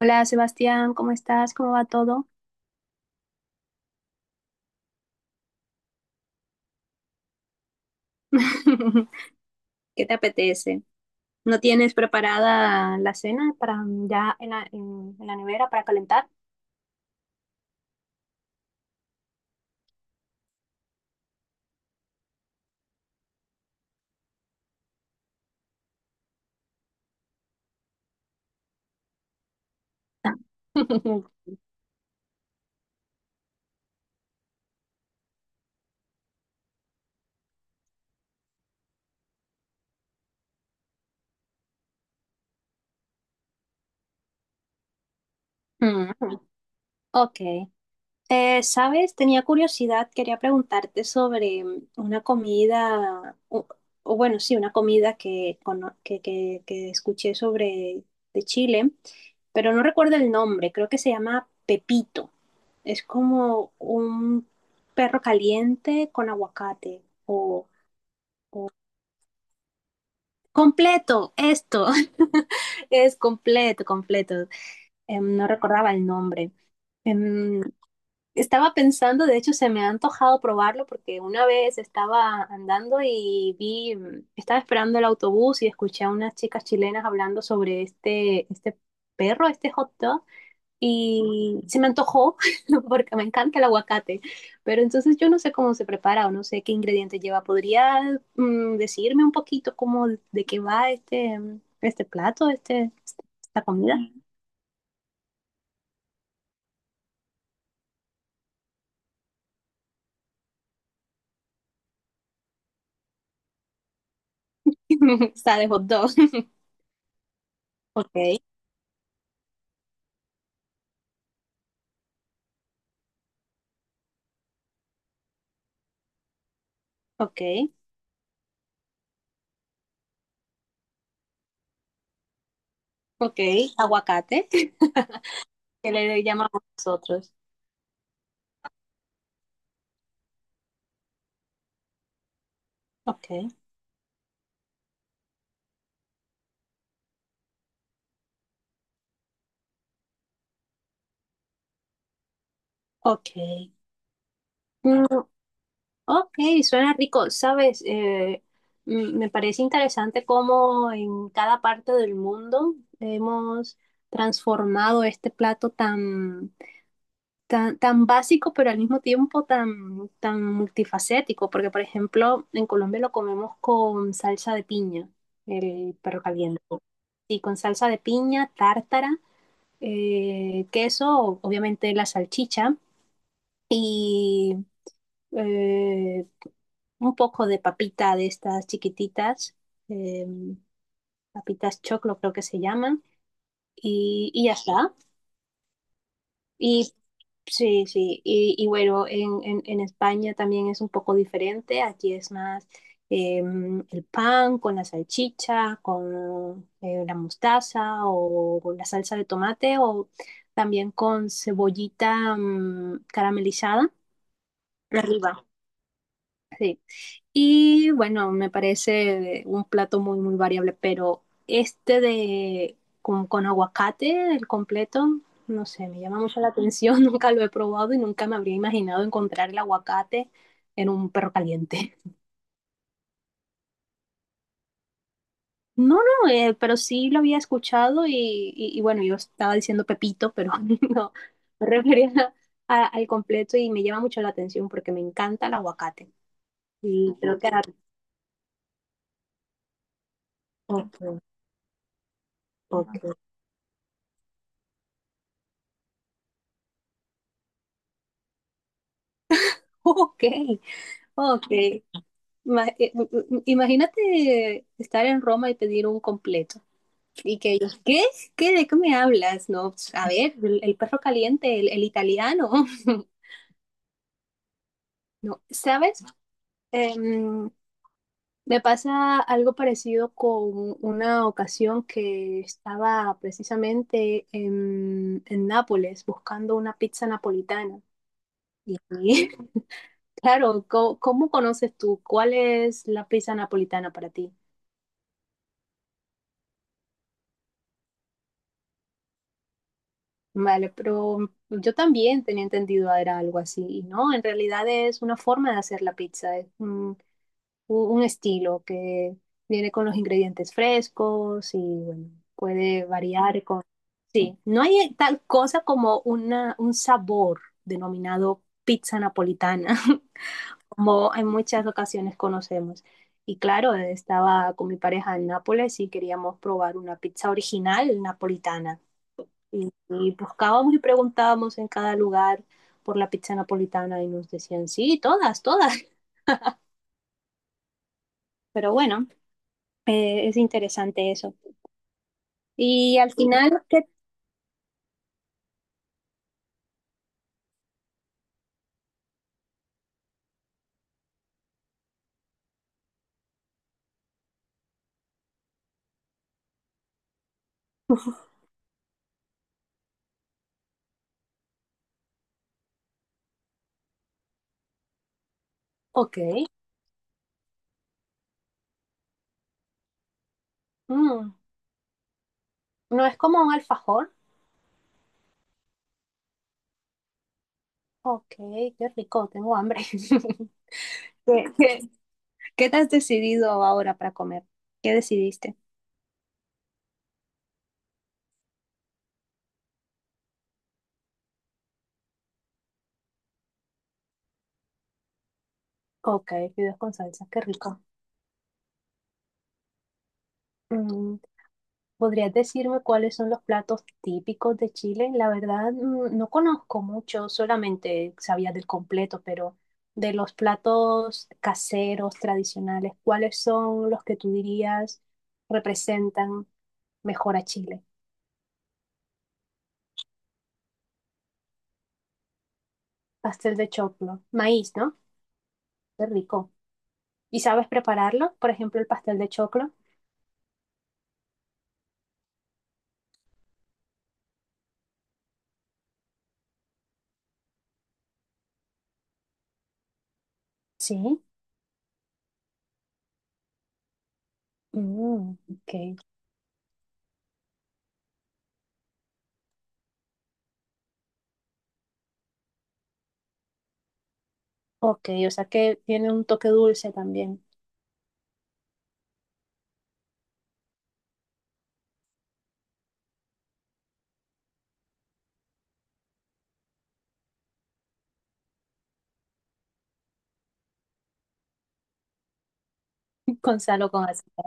Hola Sebastián, ¿cómo estás? ¿Cómo va todo? ¿Qué te apetece? ¿No tienes preparada la cena para ya en la nevera para calentar? Mm, Ok, ¿sabes? Tenía curiosidad, quería preguntarte sobre una comida, o bueno, sí, una comida que, cono- que escuché sobre de Chile, pero no recuerdo el nombre, creo que se llama Pepito. Es como un perro caliente con aguacate o completo. Esto es completo, completo. No recordaba el nombre. Em, Estaba pensando, de hecho se me ha antojado probarlo porque una vez estaba andando y vi, estaba esperando el autobús y escuché a unas chicas chilenas hablando sobre este perro, este hot dog, y se me antojó porque me encanta el aguacate, pero entonces yo no sé cómo se prepara o no sé qué ingredientes lleva. ¿Podría decirme un poquito cómo de qué va este plato, esta comida? Está de hot dog. Ok, ok. Ok, aguacate, que le llamamos nosotros. Ok, ok. Mm, ok, suena rico, ¿sabes? Me parece interesante cómo en cada parte del mundo hemos transformado este plato tan, tan, tan básico, pero al mismo tiempo tan, tan multifacético, porque por ejemplo, en Colombia lo comemos con salsa de piña, el perro caliente. Sí, con salsa de piña, tártara, queso, obviamente la salchicha y eh, un poco de papita de estas chiquititas, eh, papitas choclo creo que se llaman, y ya está. Y sí, sí, y bueno, en España también es un poco diferente, aquí es más el pan con la salchicha, con la mostaza o con la salsa de tomate o también con cebollita caramelizada de arriba, sí. Y bueno, me parece un plato muy, muy variable, pero este de con aguacate, el completo, no sé, me llama mucho la atención, nunca lo he probado y nunca me habría imaginado encontrar el aguacate en un perro caliente. No, no, pero sí lo había escuchado y, y bueno, yo estaba diciendo Pepito, pero no, me refería al completo y me llama mucho la atención porque me encanta el aguacate. Y creo que era... Ok, ok. Ok, ok. Imagínate estar en Roma y pedir un completo. Y que ellos, ¿qué? ¿Qué? ¿De qué me hablas? No, pues, a ver, el perro caliente, el italiano. No, ¿sabes? Em, me pasa algo parecido con una ocasión que estaba precisamente en Nápoles buscando una pizza napolitana. Y claro, ¿cómo conoces tú? ¿Cuál es la pizza napolitana para ti? Vale, pero yo también tenía entendido era algo así, y no, en realidad es una forma de hacer la pizza, es un, un estilo que viene con los ingredientes frescos y bueno, puede variar con... Sí, no hay tal cosa como una, un sabor denominado pizza napolitana, como en muchas ocasiones conocemos. Y claro, estaba con mi pareja en Nápoles y queríamos probar una pizza original napolitana. Y buscábamos y preguntábamos en cada lugar por la pizza napolitana y nos decían, sí, todas, todas. Pero bueno, es interesante eso. Y al final, ¿qué? Uf, ok, mm, no es como un alfajor. Ok, qué rico, tengo hambre. ¿Qué, qué- ¿qué te has decidido ahora para comer? ¿Qué decidiste? Ok, fideos con salsa, qué rico. Mm, ¿Podrías decirme cuáles son los platos típicos de Chile? La verdad, no conozco mucho, solamente sabía del completo, pero de los platos caseros, tradicionales, ¿cuáles son los que tú dirías representan mejor a Chile? Pastel de choclo, maíz, ¿no? Qué rico. ¿Y sabes prepararlo? Por ejemplo, el pastel de choclo. Sí. Mm, ok. Ok, o sea que tiene un toque dulce también. Gonzalo, con sal o con azúcar.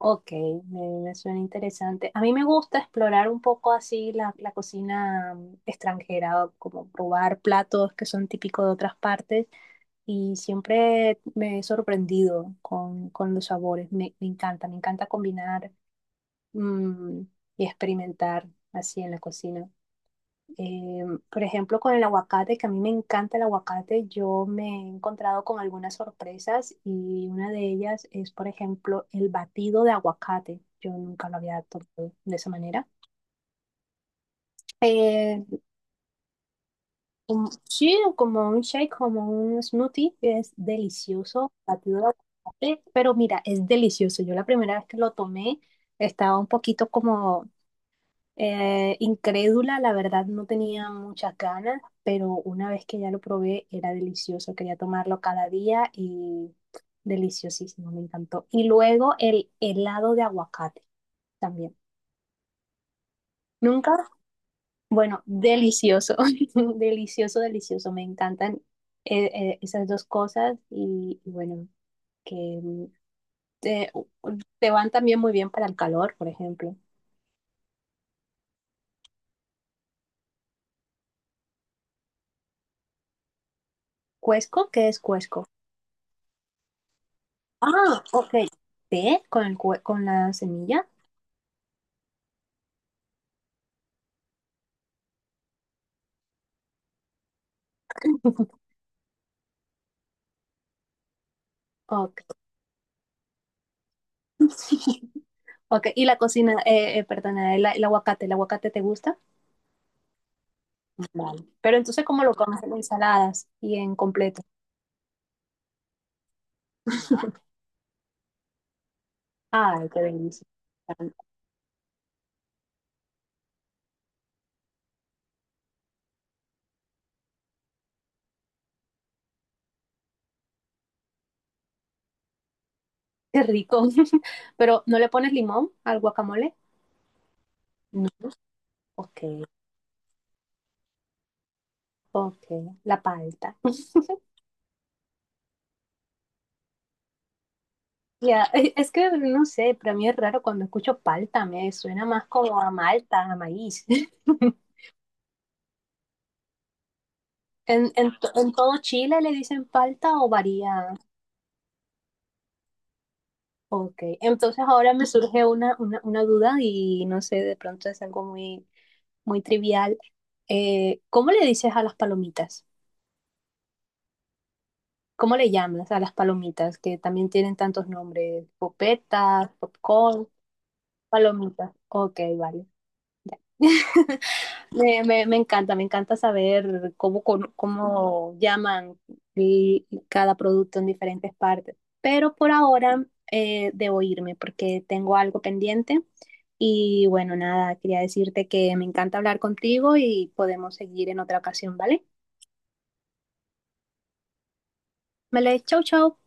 Ok, me suena interesante. A mí me gusta explorar un poco así la cocina extranjera, o como probar platos que son típicos de otras partes y siempre me he sorprendido con los sabores. Me, me encanta combinar, mm, y experimentar así en la cocina. Eh, por ejemplo, con el aguacate, que a mí me encanta el aguacate, yo me he encontrado con algunas sorpresas y una de ellas es, por ejemplo, el batido de aguacate. Yo nunca lo había tomado de esa manera. Eh, sí, como un shake, como un smoothie, es delicioso, batido de aguacate, pero mira, es delicioso. Yo la primera vez que lo tomé estaba un poquito como incrédula, la verdad no tenía muchas ganas, pero una vez que ya lo probé era delicioso, quería tomarlo cada día y deliciosísimo, me encantó. Y luego el helado de aguacate también. ¿Nunca? Bueno, delicioso, delicioso, delicioso, me encantan esas dos cosas y bueno, que mm, te, te van también muy bien para el calor, por ejemplo. ¿Cuesco? ¿Qué es cuesco? Ah, ok. ¿Té con el con la semilla? Ok. Ok, y la cocina, perdona, ¿el aguacate te gusta? Vale. Pero entonces, ¿cómo lo comes en ensaladas y en completo? Ay, qué delicia. Qué rico. Pero, ¿no le pones limón al guacamole? No. Ok, ok. La palta. Ya, es que no sé, para mí es raro cuando escucho palta, me suena más como a malta, a maíz. En todo Chile le dicen palta o varía? Ok, entonces ahora me surge una duda y no sé, de pronto es algo muy, muy trivial. ¿Cómo le dices a las palomitas? ¿Cómo le llamas a las palomitas que también tienen tantos nombres? Popetas, popcorn, palomitas. Ok, vale. Me, me encanta saber cómo llaman cada producto en diferentes partes. Pero por ahora debo irme porque tengo algo pendiente. Y bueno, nada, quería decirte que me encanta hablar contigo y podemos seguir en otra ocasión, ¿vale? Vale, chau, chau.